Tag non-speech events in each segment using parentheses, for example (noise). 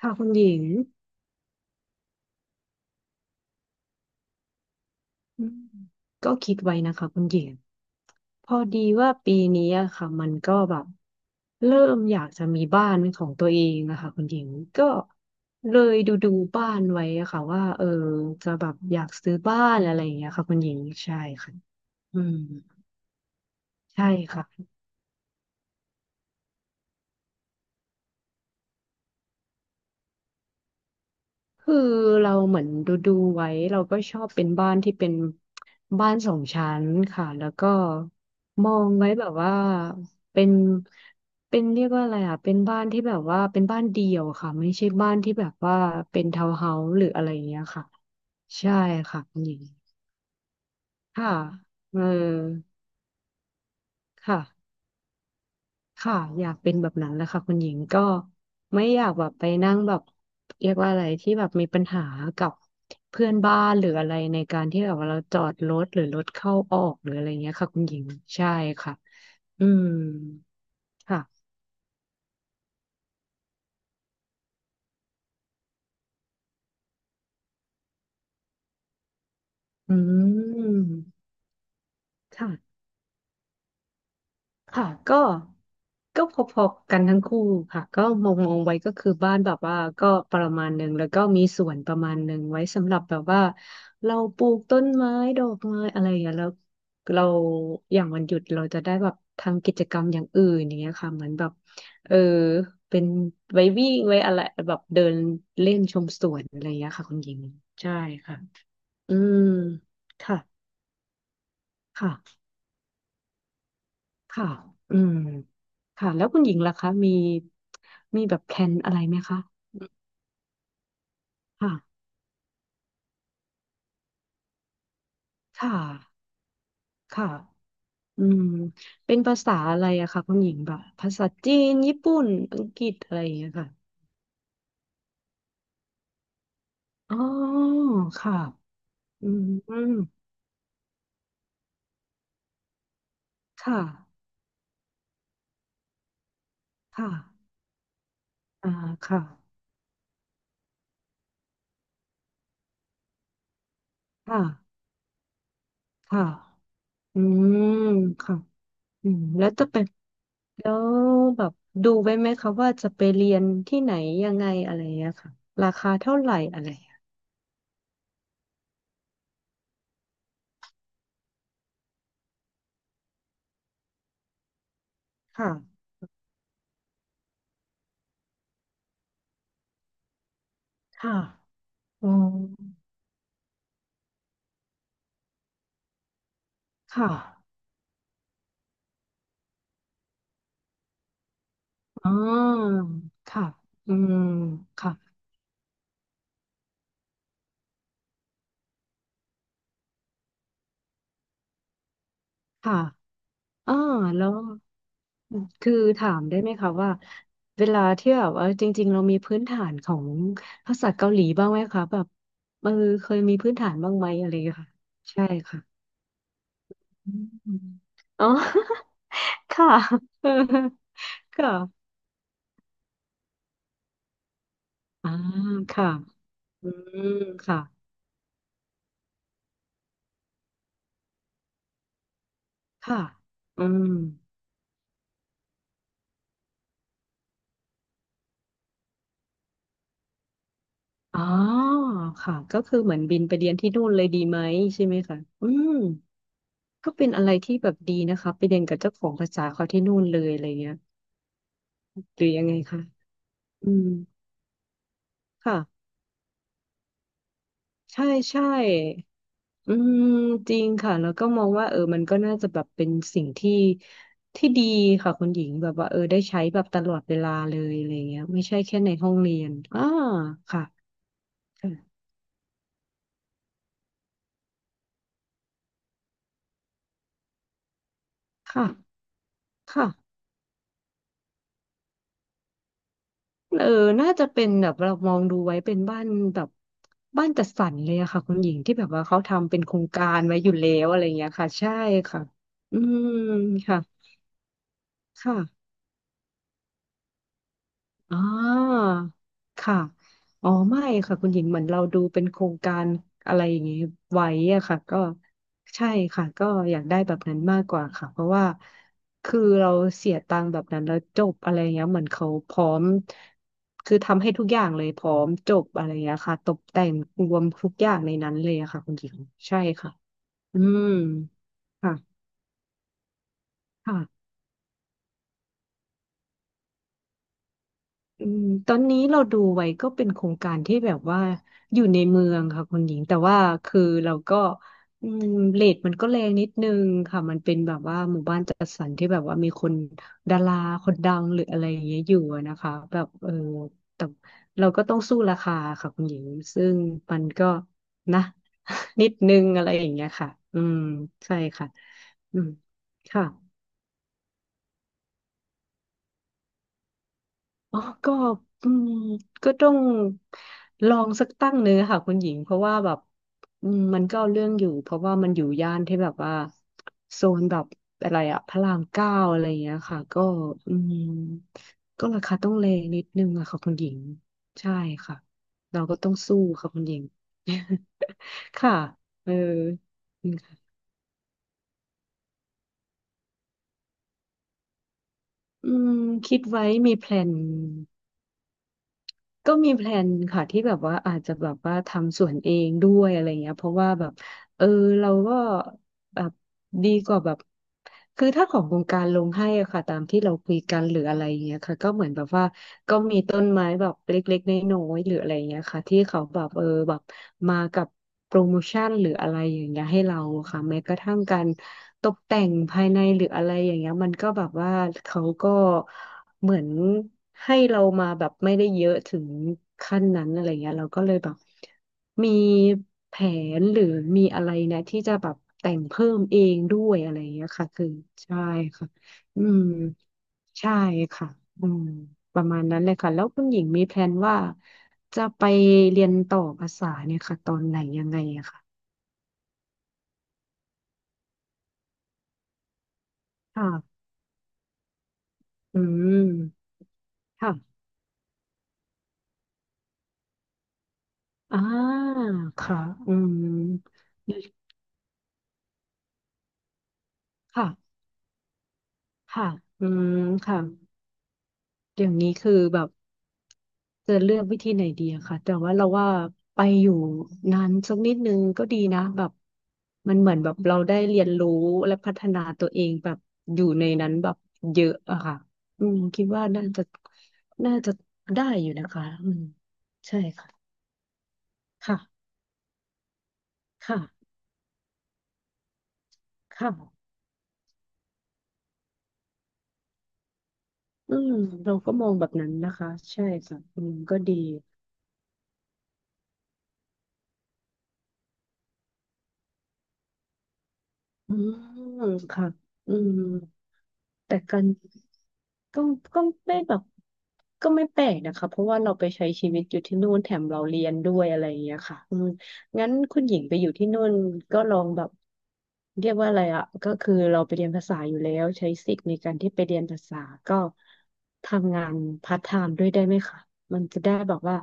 ค่ะคุณหญิงอืมก็คิดไว้นะคะคุณหญิงพอดีว่าปีนี้อะค่ะมันก็แบบเริ่มอยากจะมีบ้านเป็นของตัวเองนะคะคุณหญิงก็เลยดูบ้านไว้อะค่ะว่าจะแบบอยากซื้อบ้านอะไรอย่างเงี้ยค่ะคุณหญิงใช่ค่ะอืมใช่ค่ะ คือเราเหมือนดูไว้เราก็ชอบเป็นบ้านที่เป็นบ้านสองชั้นค่ะแล้วก็มองไว้แบบว่าเป็นเป็นเรียกว่าอะไรอ่ะเป็นบ้านที่แบบว่าเป็นบ้านเดี่ยวค่ะไม่ใช่บ้านที่แบบว่าเป็นทาวน์เฮาส์หรืออะไรอย่างเงี้ยค่ะใช่ค่ะคุณหญิงค่ะเออค่ะ ค่ะอยากเป็นแบบนั้นแหละค่ะคุณหญิงก็ไม่อยากแบบไปนั่งแบบเรียกว่าอะไรที่แบบมีปัญหากับเพื่อนบ้านหรืออะไรในการที่แบบว่าเราจอดรถหรือรถเข้าออกหรืออะไรเงี้ยค่ะคุณหญิงใช่ค่ะอืมค่ะอืมค่ะ ค่ะก็ก็พอๆกันทั้งคู่ค่ะก็มองไว้ก็คือบ้านแบบว่าก็ประมาณหนึ่งแล้วก็มีสวนประมาณหนึ่งไว้สำหรับแบบว่าเราปลูกต้นไม้ดอกไม้อะไรอย่างเงี้ยแล้วเราอย่างวันหยุดเราจะได้แบบทำกิจกรรมอย่างอื่นอย่างเงี้ยค่ะเหมือนแบบเออเป็นไว้วิ่งไว้อะไรแบบเดินเล่นชมสวนอะไรอย่างเงี้ยค่ะคุณหญิงใช่ค่ะอืมค่ะค่ะ ค่ะอืมค่ะแล้วคุณหญิงล่ะคะมีแบบแพลนอะไรไหมคะค่ะค่ะค่ะอืมเป็นภาษาอะไรอะคะคุณหญิงแบบภาษาจีนญี่ปุ่น อังกฤษอะไรอย่างเงี้ยค่ะอ๋อค่ะอืมอืมค่ะค่ะอ่าค่ะค่ะค่ะอืมค่ะอืมแล้วจะเป็นแล้วแบบดูไว้ไหมคะว่าจะไปเรียนที่ไหนยังไงอะไรอย่างเงี้ยค่ะราคาเท่าไหร่อะไรอย่างเงี้ยค่ะ ค่ะอืมค่ะอ่าค่ะอืมค่ะค่ะอ่าแล้วคือถามได้ไหมคะว่าเวลาที่แบบว่าจริงๆเรามีพื้นฐานของภาษาเกาหลีบ้างไหมคะแบบเออเคยมีพื้นฐานบ้างไหมอะไรอย่างเงี้ยค่ะใช่ค่ะอืมอ๋อ (laughs) ค่ะ (laughs) เออค่ะอ่าค่ะอืมค่ะค่ะอืม อ๋อค่ะก็คือเหมือนบินไปเรียนที่นู่นเลยดีไหมใช่ไหมคะอืมก็เป็นอะไรที่แบบดีนะคะไปเรียนกับเจ้าของภาษาเขาที่นู่นเลยอะไรเงี้ยหรือยังไงคะอืมค่ะใช่ใช่อืมจริงค่ะแล้วก็มองว่ามันก็น่าจะแบบเป็นสิ่งที่ที่ดีค่ะคุณหญิงแบบว่าได้ใช้แบบตลอดเวลาเลยอะไรเงี้ยไม่ใช่แค่ในห้องเรียนอ่าค่ะค่ะค่ะ เออ น่าจะเป็นแบบเรามองดูไว้เป็นบ้านแบบบ้านจัดสรรเลยอะค่ะคุณหญิงที่แบบว่าเขาทำเป็นโครงการไว้อยู่แล้วอะไรอย่างเงี้ยค่ะใช่ค่ะ อืมค่ะ ค่ะ อ่าค่ะอ๋อไม่ค่ะคุณหญิงเหมือนเราดูเป็นโครงการอะไรอย่างนี้ไว้อะค่ะก็ใช่ค่ะก็อยากได้แบบนั้นมากกว่าค่ะเพราะว่าคือเราเสียตังค์แบบนั้นแล้วจบอะไรเงี้ยเหมือนเขาพร้อมคือทำให้ทุกอย่างเลยพร้อมจบอะไรเงี้ยค่ะตกแต่งรวมทุกอย่างในนั้นเลยอะค่ะคุณหญิงใช่ค่ะอืมค่ะค่ะ อืมตอนนี้เราดูไว้ก็เป็นโครงการที่แบบว่าอยู่ในเมืองค่ะคุณหญิงแต่ว่าคือเราก็อืมเรทมันก็แรงนิดนึงค่ะมันเป็นแบบว่าหมู่บ้านจัดสรรที่แบบว่ามีคนดาราคนดังหรืออะไรอย่างเงี้ยอยู่อะนะคะแบบแต่เราก็ต้องสู้ราคาค่ะคุณหญิงซึ่งมันก็นะ (laughs) นิดนึงอะไรอย่างเงี้ยค่ะอืมใช่ค่ะอืมค่ะ อ๋อก็อืมก็ต้องลองสักตั้งหนึ่งอะค่ะคุณหญิง เพราะว่าแบบอืมมันก็เอาเรื่องอยู่เพราะว่ามันอยู่ย่านที่แบบว่าโซนแบบอะไรอะพระรามเก้าอะไรอย่างเงี้ยค่ะก็อืมก็ราคาต้องแรงนิดนึงอะค่ะคุณหญิง ใช่ค่ะเราก็ต้องสู้ค่ะคุณหญิง (laughs) ค่ะเอออืมคิดไว้มีแพลน ก็มีแพลนค่ะที่แบบว่าอาจจะแบบว่าทำสวนเองด้วยอะไรเงี้ยเพราะว่าแบบ เออเราก็แบบดีกว่าแบบคือถ้าของวงการลงให้อะค่ะตามที่เราคุยกันหรืออะไรอย่างเงี้ยค่ะก็เหมือนแบบว่าก็มีต้นไม้แบบเล็กๆน้อยๆหรืออะไรอย่างเงี้ยค่ะที่เขาแบบแบบมากับโปรโมชั่นหรืออะไรอย่างเงี้ยให้เราอะค่ะแม้กระทั่งการตกแต่งภายในหรืออะไรอย่างเงี้ยมันก็แบบว่าเขาก็เหมือนให้เรามาแบบไม่ได้เยอะถึงขั้นนั้นอะไรเงี้ยเราก็เลยแบบ มีแผนหรือมีอะไรนะที่จะแบบแต่งเพิ่มเองด้วยอะไรอย่างเงี้ยค่ะคือใช่ค่ะอืมใช่ค่ะอืมประมาณนั้นเลยค่ะแล้วคุณหญิงมีแพลนว่าจะไปเรียนต่อภาษาเนี่ยค่ะตอนไหนยังไงอะค่ะค่ะอืมค่ะอ่าค่ะอืมค่ะค่ะอืมค่ะอย่างนี้คือแบบ จะเลือกวิธีไหนดีอะค่ะแต่ว่าเราว่าไปอยู่นานสักนิดนึงก็ดีนะแบบมันเหมือนแบบเราได้เรียนรู้และพัฒนาตัวเองแบบอยู่ในนั้นแบบเยอะอะค่ะอืมคิดว่าน่าจะน่าจะได้อยู่นะคะอืมใช่ค่ะค่ะค่ะค่ะอืมเราก็มองแบบนั้นนะคะใช่ค่ะอืมก็ดีอืมค่ะอืม แต่กัก็ก็ไม่แบบก็ไม่แปลกนะคะเพราะว่าเราไปใช้ชีวิตอยู่ที่นู่นแถมเราเรียนด้วยอะไรอย่างเงี้ยค่ะอืมงั้นคุณหญิงไปอยู่ที่นู่นก็ลองแบบเรียกว่าอะไรอ่ะก็คือเราไปเรียนภาษาอยู่แล้วใช้สิทธิ์ในการที่ไปเรียนภาษาก็ทำงานพาร์ทไทม์ด้วยได้ไหมคะมันจะได้แบบว่า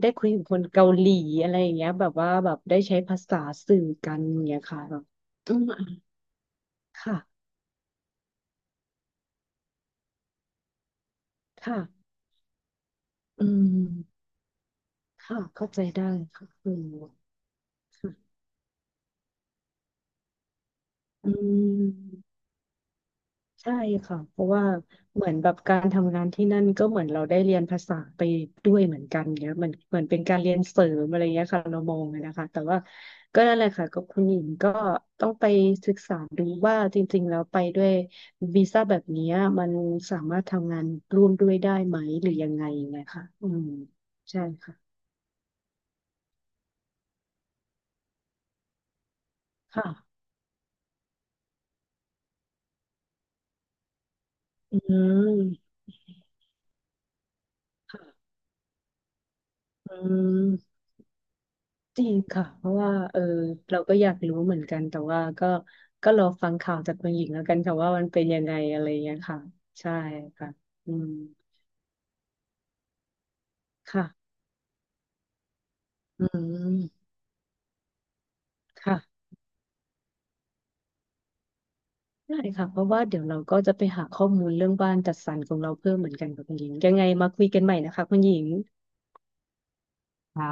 ได้คุยกับคนเกาหลีอะไรอย่างเงี้ยแบบว่าแบบได้ใช้ภาษาสื่อกันอย่างเงี้ยค่ะแบบอืมค่ะค่ะอืม ค่ะเข้าใจได้ค่ะอืมค่ะอืมใช่ค่ะเพราะว่าเหมือนแบบการทำงานที่นั่นก็เหมือนเราได้เรียนภาษาไปด้วยเหมือนกันเนี้ยเหมือนเหมือนเป็นการเรียนเสริมอะไรเงี้ยค่ะเรามองเลยนะคะแต่ว่าก็นั่นแหละค่ะก็คุณหญิงก็ต้องไปศึกษาดูว่าจริงๆแล้วไปด้วยวีซ่าแบบเนี้ยมันสามารถทำงานร่วมด้วยได้ไหมหรือยังไงไงค่ะอืมใช่ค่ะค่ะอืมค่ะอืม จริงค่ะเพราะว่าเราก็อยากรู้เหมือนกันแต่ว่าก็ก็รอฟังข่าวจากคุณหญิงแล้วกันค่ะว่ามันเป็นยังไงอะไรอย่างเงี้ยค่ะใช่ค่ะอืมค่ะอืมค่ะได้ค่ะเพราะว่าเดี๋ยวเราก็จะไปหาข้อมูลเรื่องบ้านจัดสรรของเราเพิ่มเหมือนกันค่ะคุณหญิงยังไงมาคุยกันใหม่นะคะคุณหญิงค่ะ